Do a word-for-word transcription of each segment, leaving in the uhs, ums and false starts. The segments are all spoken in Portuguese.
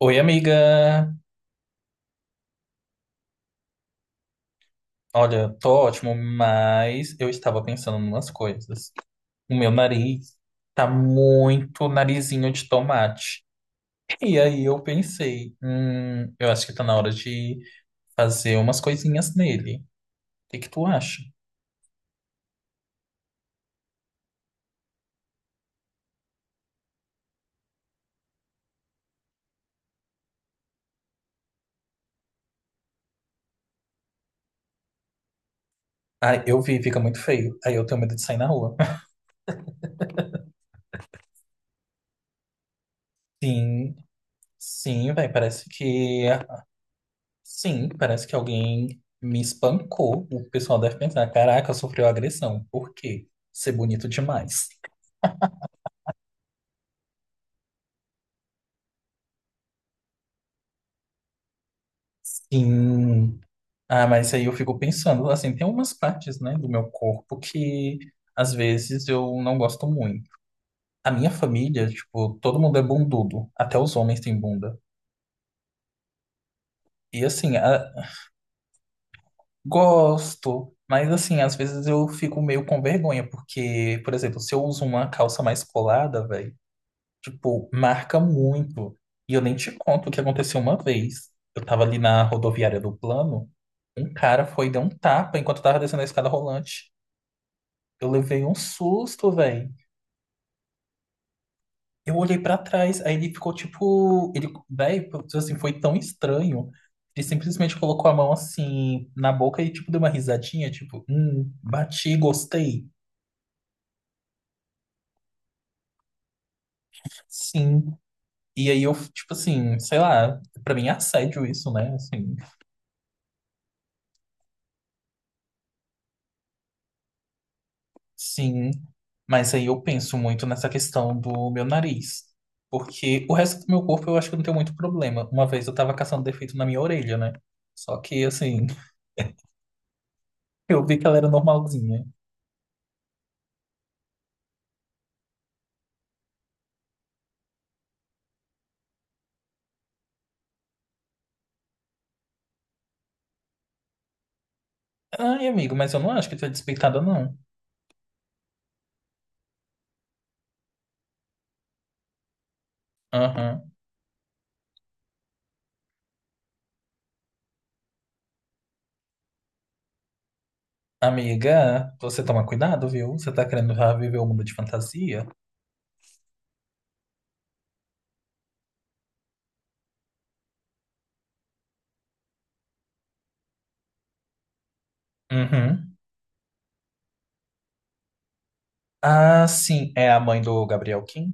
Oi, amiga! Olha, tô ótimo, mas eu estava pensando em umas coisas. O meu nariz tá muito narizinho de tomate. E aí eu pensei, hum, eu acho que tá na hora de fazer umas coisinhas nele. O que que tu acha? Ah, eu vi, fica muito feio. Aí eu tenho medo de sair na rua. Sim, sim, velho, parece que... Sim, parece que alguém me espancou. O pessoal deve pensar, caraca, sofreu agressão. Por quê? Ser bonito demais. Sim. Ah, mas aí eu fico pensando, assim, tem umas partes, né, do meu corpo que às vezes eu não gosto muito. A minha família, tipo, todo mundo é bundudo, até os homens têm bunda. E assim, a- gosto, mas assim, às vezes eu fico meio com vergonha, porque, por exemplo, se eu uso uma calça mais colada, velho, tipo, marca muito. E eu nem te conto o que aconteceu uma vez. Eu tava ali na rodoviária do plano, um cara foi e deu um tapa enquanto eu tava descendo a escada rolante. Eu levei um susto, velho. Eu olhei pra trás, aí ele ficou tipo, ele, velho, assim, foi tão estranho. Ele simplesmente colocou a mão assim na boca e tipo deu uma risadinha, tipo, hum, bati, gostei. Sim. E aí eu, tipo assim, sei lá, pra mim é assédio isso, né? Assim, sim. Mas aí eu penso muito nessa questão do meu nariz. Porque o resto do meu corpo eu acho que eu não tenho muito problema. Uma vez eu tava caçando defeito na minha orelha, né? Só que assim, eu vi que ela era normalzinha. Ai, amigo, mas eu não acho que tu é despeitada, não. Aham. Amiga, você toma cuidado, viu? Você tá querendo já viver o mundo de fantasia? Uhum. Ah, sim, é a mãe do Gabriel Kim?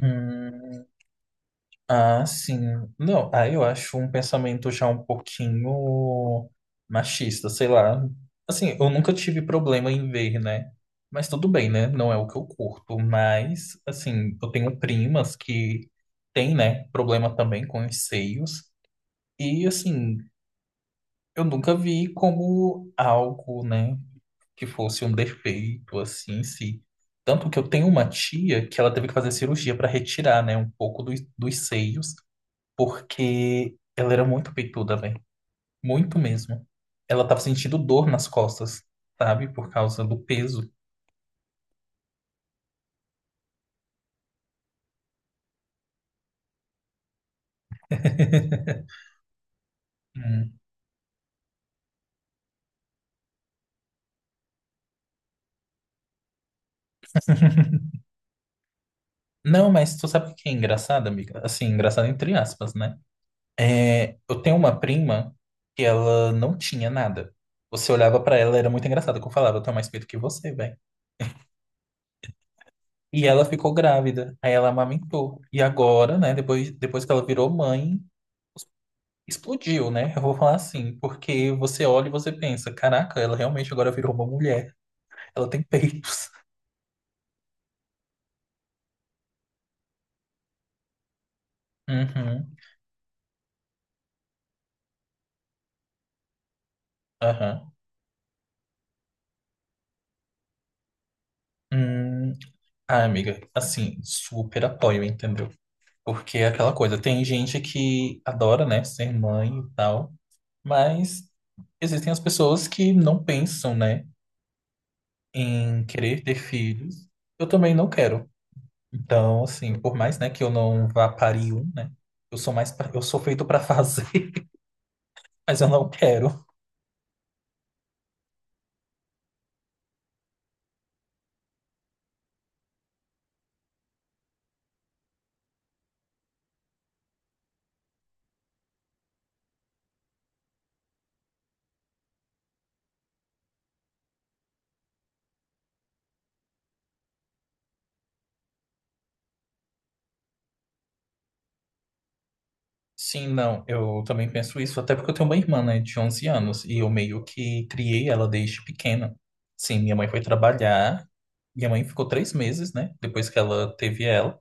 Hum. Ah, sim. Não, ah, eu acho um pensamento já um pouquinho machista, sei lá. Assim, eu nunca tive problema em ver, né? Mas tudo bem, né? Não é o que eu curto. Mas, assim, eu tenho primas que têm, né, problema também com os seios. E, assim, eu nunca vi como algo, né, que fosse um defeito, assim, em si. Tanto que eu tenho uma tia que ela teve que fazer cirurgia para retirar, né, um pouco dos, dos seios porque ela era muito peituda, velho. Muito mesmo. Ela tava sentindo dor nas costas, sabe? Por causa do peso. Hum. Não, mas tu sabe o que é engraçado, amiga? Assim, engraçado entre aspas, né? É, eu tenho uma prima que ela não tinha nada. Você olhava pra ela, era muito engraçado que eu falava, eu tenho mais peito que você, velho. E ela ficou grávida, aí ela amamentou. E agora, né, depois, depois que ela virou mãe, explodiu, né? Eu vou falar assim, porque você olha e você pensa, caraca, ela realmente agora virou uma mulher. Ela tem peitos. Uhum, aham. Hum, ah, amiga, assim, super apoio, entendeu? Porque é aquela coisa, tem gente que adora, né, ser mãe e tal, mas existem as pessoas que não pensam, né, em querer ter filhos. Eu também não quero. Então, assim, por mais, né, que eu não vá parir um, né, eu sou mais, pra- eu sou feito pra fazer, mas eu não quero. Sim, não, eu também penso isso, até porque eu tenho uma irmã, né, de onze anos, e eu meio que criei ela desde pequena. Sim, minha mãe foi trabalhar, minha mãe ficou três meses, né, depois que ela teve ela.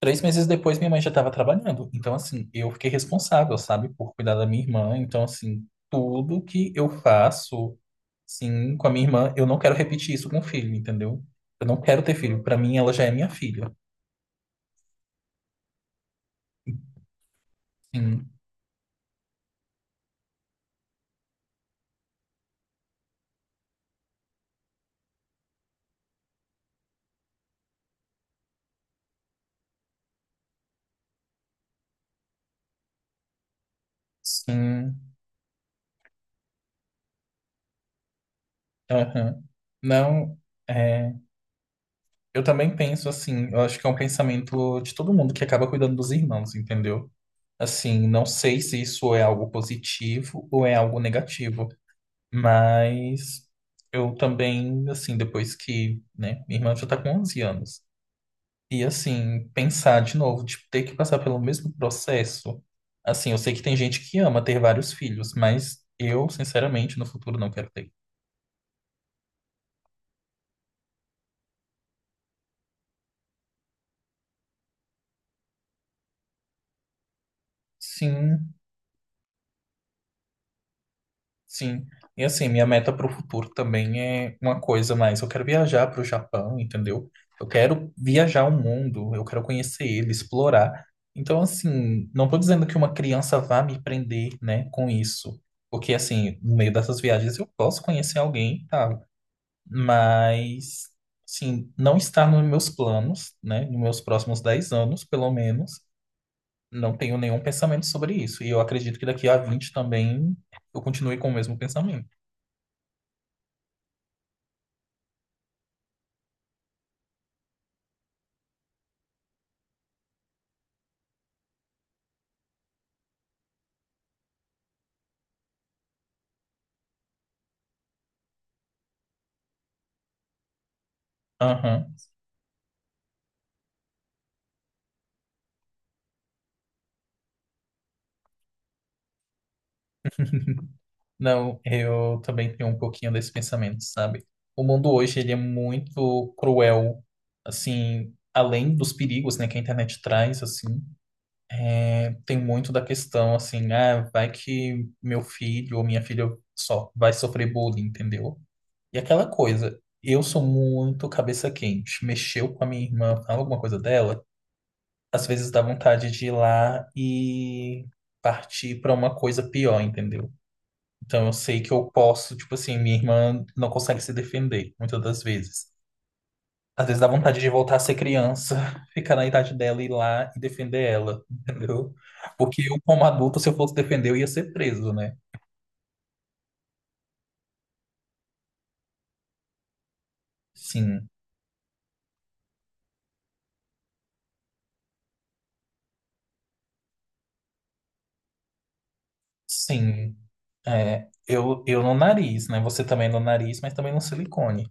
Três meses depois, minha mãe já estava trabalhando, então, assim, eu fiquei responsável, sabe, por cuidar da minha irmã, então, assim, tudo que eu faço, sim, com a minha irmã, eu não quero repetir isso com o filho, entendeu? Eu não quero ter filho, pra mim ela já é minha filha. Sim, sim, aham. Não, é. Eu também penso assim, eu acho que é um pensamento de todo mundo que acaba cuidando dos irmãos, entendeu? Assim, não sei se isso é algo positivo ou é algo negativo, mas eu também, assim, depois que, né, minha irmã já tá com onze anos, e assim, pensar de novo, de ter que passar pelo mesmo processo, assim, eu sei que tem gente que ama ter vários filhos, mas eu, sinceramente, no futuro não quero ter. Sim, sim. E assim, minha meta para o futuro também é uma coisa mais. Eu quero viajar para o Japão, entendeu? Eu quero viajar o mundo, eu quero conhecer ele, explorar. Então, assim, não estou dizendo que uma criança vá me prender, né, com isso. Porque, assim, no meio dessas viagens eu posso conhecer alguém e tal. Mas, assim, não está nos meus planos, né, nos meus próximos dez anos, pelo menos. Não tenho nenhum pensamento sobre isso. E eu acredito que daqui a vinte também eu continue com o mesmo pensamento. Aham. Não, eu também tenho um pouquinho desse pensamento, sabe? O mundo hoje, ele é muito cruel, assim, além dos perigos, né, que a internet traz, assim, é, tem muito da questão, assim, ah, vai que meu filho ou minha filha só vai sofrer bullying, entendeu? E aquela coisa, eu sou muito cabeça quente, mexeu com a minha irmã, fala alguma coisa dela, às vezes dá vontade de ir lá e partir para uma coisa pior, entendeu? Então eu sei que eu posso, tipo assim, minha irmã não consegue se defender muitas das vezes. Às vezes dá vontade de voltar a ser criança, ficar na idade dela e ir lá e defender ela, entendeu? Porque eu, como adulto, se eu fosse defender, eu ia ser preso, né? Sim, sim. É, eu, eu no nariz, né? Você também no nariz, mas também no silicone.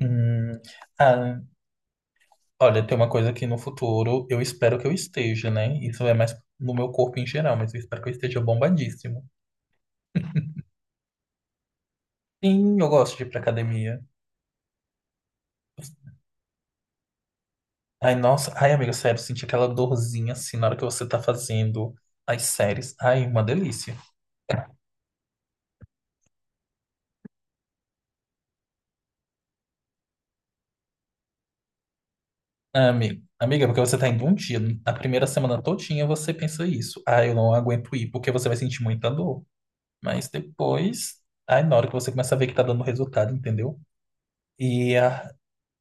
Hum, ah, olha, tem uma coisa que no futuro eu espero que eu esteja, né? Isso é mais no meu corpo em geral, mas eu espero que eu esteja bombadíssimo. Sim, eu gosto de ir pra academia. Ai, nossa. Ai, amiga, sério, senti aquela dorzinha assim na hora que você tá fazendo as séries. Ai, uma delícia. Ah, Ami- amiga, porque você tá indo um dia, a primeira semana todinha você pensa isso. Ai, eu não aguento ir, porque você vai sentir muita dor. Mas depois, ai, na hora que você começa a ver que tá dando resultado, entendeu? E ah,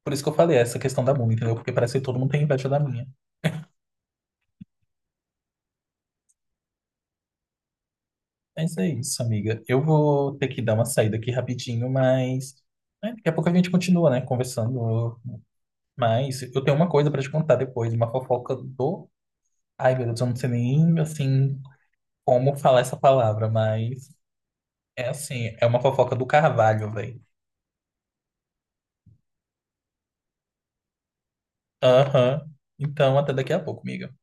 por isso que eu falei essa questão da mula, entendeu? Porque parece que todo mundo tem inveja da minha. Mas é isso, amiga. Eu vou ter que dar uma saída aqui rapidinho, mas né, daqui a pouco a gente continua, né, conversando. Mas eu tenho uma coisa pra te contar depois, uma fofoca do. Ai, meu Deus, eu não sei nem assim como falar essa palavra, mas é assim, é uma fofoca do Carvalho, velho. Aham. Então, até daqui a pouco, amiga.